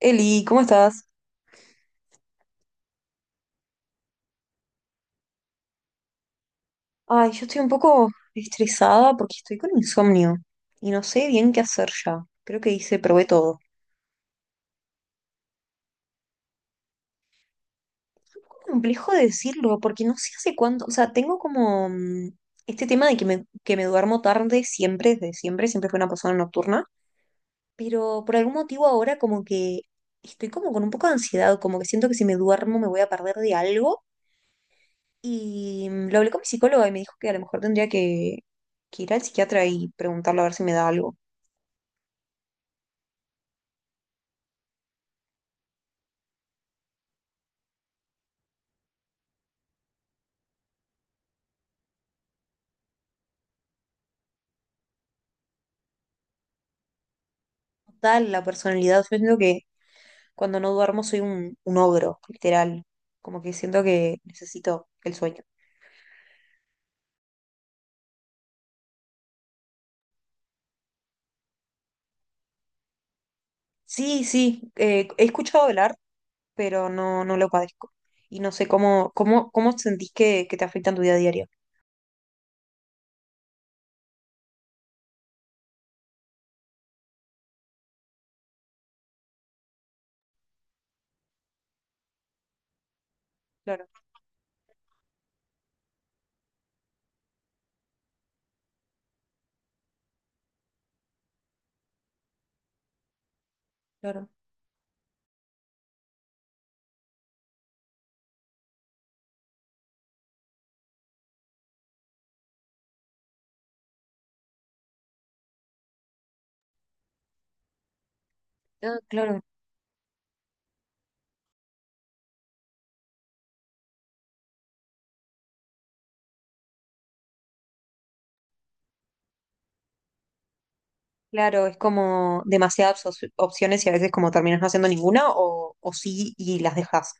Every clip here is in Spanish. Eli, ¿cómo estás? Ay, yo estoy un poco estresada porque estoy con insomnio y no sé bien qué hacer ya. Creo que hice, probé todo. Es un poco complejo de decirlo porque no sé hace cuánto, o sea, tengo como este tema de que me duermo tarde siempre, desde siempre, siempre fui una persona nocturna, pero por algún motivo ahora como que estoy como con un poco de ansiedad, como que siento que si me duermo me voy a perder de algo y lo hablé con mi psicóloga y me dijo que a lo mejor que ir al psiquiatra y preguntarle a ver si me da algo. Total la personalidad. Yo siento que cuando no duermo soy un ogro, literal. Como que siento que necesito el sueño. Sí, sí, he escuchado hablar, pero no, no lo padezco. Y no sé cómo sentís que te afecta en tu día a día. Claro, claro. Ah, claro. Claro, es como demasiadas opciones y a veces como terminas no haciendo ninguna o sí y las dejas.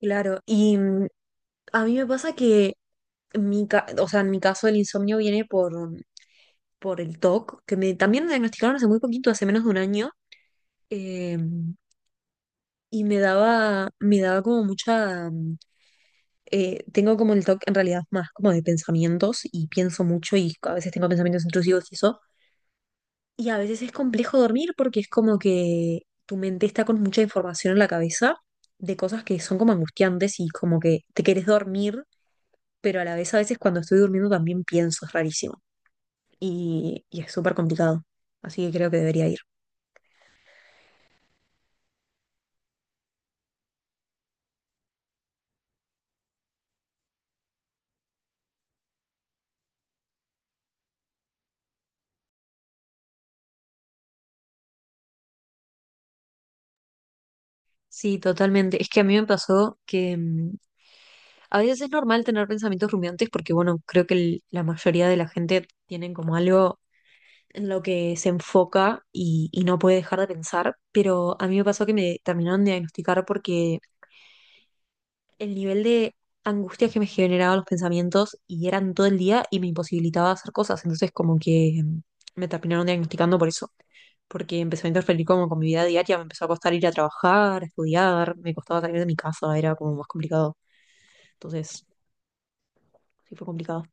Claro, y a mí me pasa que o sea, en mi caso el insomnio viene por el TOC, también me diagnosticaron hace muy poquito, hace menos de un año, eh, y me daba como mucha... tengo como el TOC en realidad más como de pensamientos y pienso mucho y a veces tengo pensamientos intrusivos y eso. Y a veces es complejo dormir porque es como que tu mente está con mucha información en la cabeza de cosas que son como angustiantes y como que te querés dormir, pero a la vez a veces cuando estoy durmiendo también pienso, es rarísimo. Y es súper complicado. Así que creo que debería ir. Sí, totalmente. Es que a mí me pasó que a veces es normal tener pensamientos rumiantes porque, bueno, creo que la mayoría de la gente tienen como algo en lo que se enfoca y no puede dejar de pensar, pero a mí me pasó que me terminaron de diagnosticar porque el nivel de angustia que me generaban los pensamientos y eran todo el día y me imposibilitaba hacer cosas. Entonces, como que me terminaron diagnosticando por eso, porque empezó a interferir como con mi vida diaria, me empezó a costar ir a trabajar, a estudiar, me costaba salir de mi casa, era como más complicado. Entonces, sí fue complicado.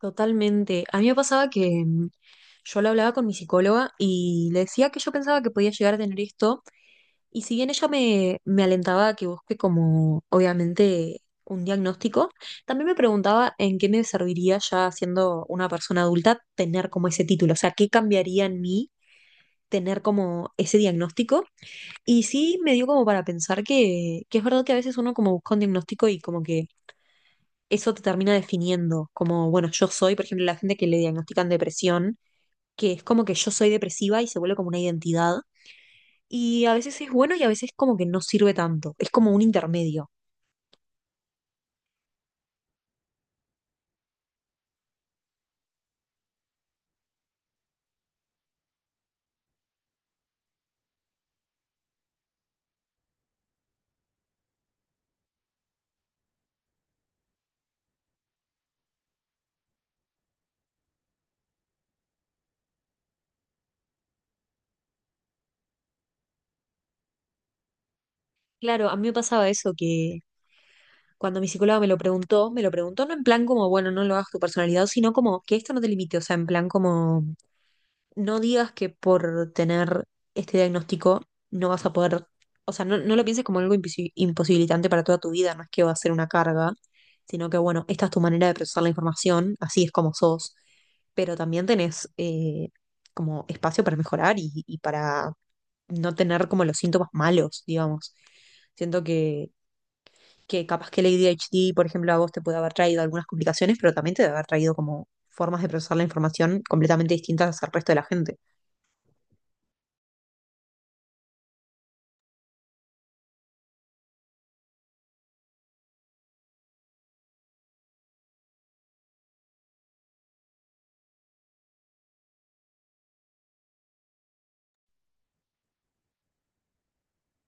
Totalmente. A mí me pasaba que yo lo hablaba con mi psicóloga y le decía que yo pensaba que podía llegar a tener esto. Y si bien ella me alentaba a que busque como, obviamente, un diagnóstico, también me preguntaba en qué me serviría ya siendo una persona adulta tener como ese título, o sea, qué cambiaría en mí tener como ese diagnóstico. Y sí me dio como para pensar que es verdad que a veces uno como busca un diagnóstico y como que eso te termina definiendo, como, bueno, yo soy, por ejemplo, la gente que le diagnostican depresión, que es como que yo soy depresiva y se vuelve como una identidad y a veces es bueno y a veces como que no sirve tanto. Es como un intermedio. Claro, a mí me pasaba eso que cuando mi psicóloga me lo preguntó no en plan como, bueno, no lo hagas tu personalidad, sino como que esto no te limite. O sea, en plan como, no digas que por tener este diagnóstico no vas a poder, o sea, no lo pienses como algo imposibilitante para toda tu vida, no es que va a ser una carga, sino que, bueno, esta es tu manera de procesar la información, así es como sos, pero también tenés... como espacio para mejorar y para no tener como los síntomas malos, digamos. Siento que capaz que el ADHD, por ejemplo, a vos te puede haber traído algunas complicaciones, pero también te debe haber traído como formas de procesar la información completamente distintas al resto de la gente.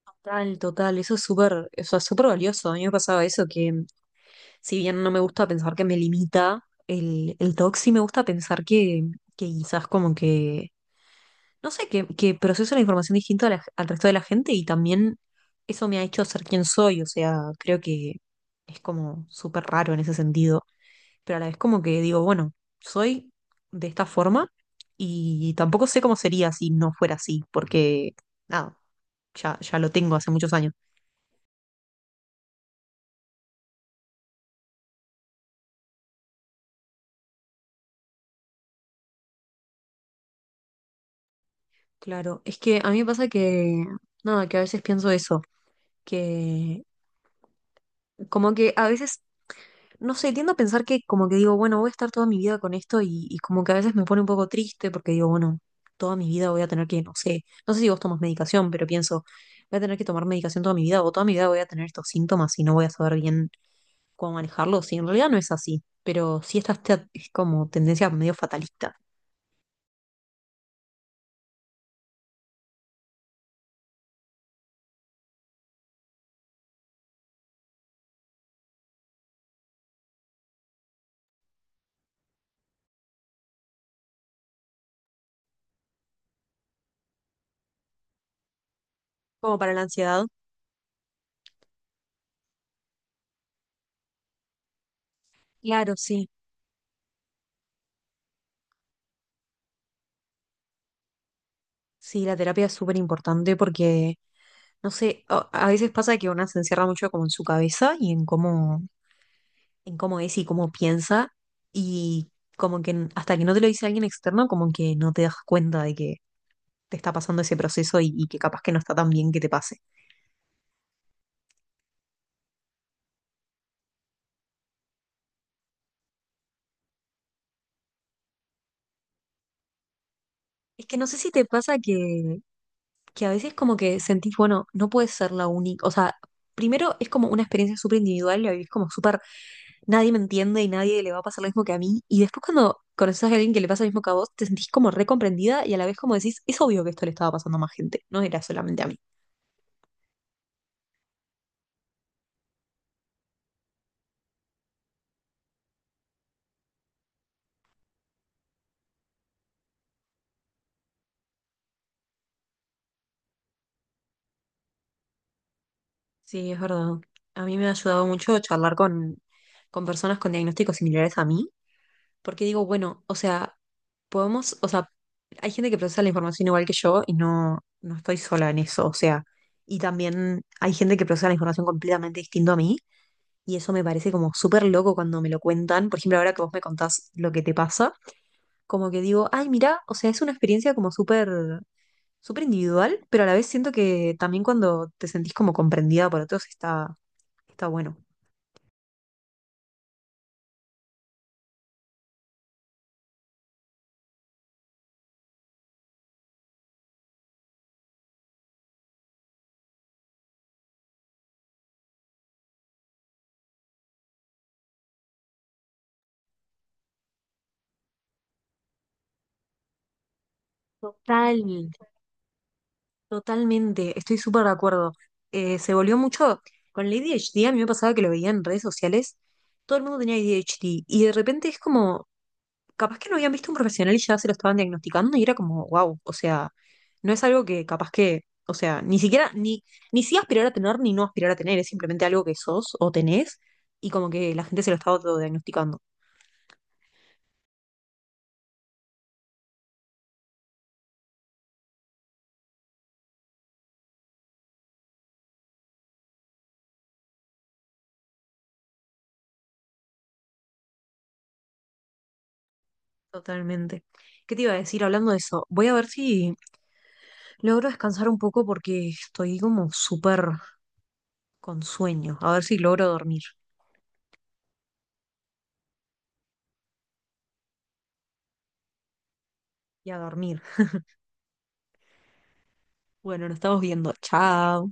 Total, total, eso es súper valioso. A mí me pasaba eso, que si bien no me gusta pensar que me limita el TOC, sí me gusta pensar que quizás como que no sé, que proceso la información distinto a al resto de la gente y también eso me ha hecho ser quien soy, o sea, creo que es como súper raro en ese sentido, pero a la vez como que digo, bueno, soy de esta forma y tampoco sé cómo sería si no fuera así, porque nada, ya lo tengo hace muchos años. Claro, es que a mí me pasa que, nada, que a veces pienso eso, que como que a veces no sé, tiendo a pensar que como que digo, bueno, voy a estar toda mi vida con esto y como que a veces me pone un poco triste porque digo, bueno, toda mi vida voy a tener que, no sé, no sé si vos tomas medicación, pero pienso, voy a tener que tomar medicación toda mi vida o toda mi vida voy a tener estos síntomas y no voy a saber bien cómo manejarlos. Y en realidad no es así, pero sí esta es como tendencia medio fatalista, como para la ansiedad. Claro, sí, sí, la terapia es súper importante porque, no sé, a veces pasa que una se encierra mucho como en su cabeza y en cómo es y cómo piensa y como que hasta que no te lo dice alguien externo, como que no te das cuenta de que te está pasando ese proceso y que capaz que no está tan bien que te pase. Es que no sé si te pasa que a veces como que sentís, bueno, no puedes ser la única, o sea, primero es como una experiencia súper individual, la vivís como súper, nadie me entiende y nadie le va a pasar lo mismo que a mí, y después cuando conoces a alguien que le pasa lo mismo que a vos, te sentís como recomprendida y a la vez como decís, es obvio que esto le estaba pasando a más gente, no era solamente a mí. Sí, es verdad. A mí me ha ayudado mucho charlar con personas con diagnósticos similares a mí, porque digo, bueno, o sea, podemos, o sea, hay gente que procesa la información igual que yo y no estoy sola en eso, o sea, y también hay gente que procesa la información completamente distinto a mí, y eso me parece como súper loco cuando me lo cuentan. Por ejemplo, ahora que vos me contás lo que te pasa, como que digo, ay, mira, o sea, es una experiencia como súper, súper individual, pero a la vez siento que también cuando te sentís como comprendida por otros está. Está bueno. Total, totalmente, estoy súper de acuerdo. Se volvió mucho con el ADHD, a mí me pasaba que lo veía en redes sociales, todo el mundo tenía A D h ADHD y de repente es como, capaz que no habían visto un profesional y ya se lo estaban diagnosticando y era como, wow, o sea, no es algo que capaz que, o sea, ni siquiera, ni sí aspirar a tener ni no aspirar a tener, es simplemente algo que sos o tenés y como que la gente se lo está autodiagnosticando. Totalmente. ¿Qué te iba a decir hablando de eso? Voy a ver si logro descansar un poco porque estoy como súper con sueño. A ver si logro dormir. Y a dormir. Bueno, nos estamos viendo. Chao.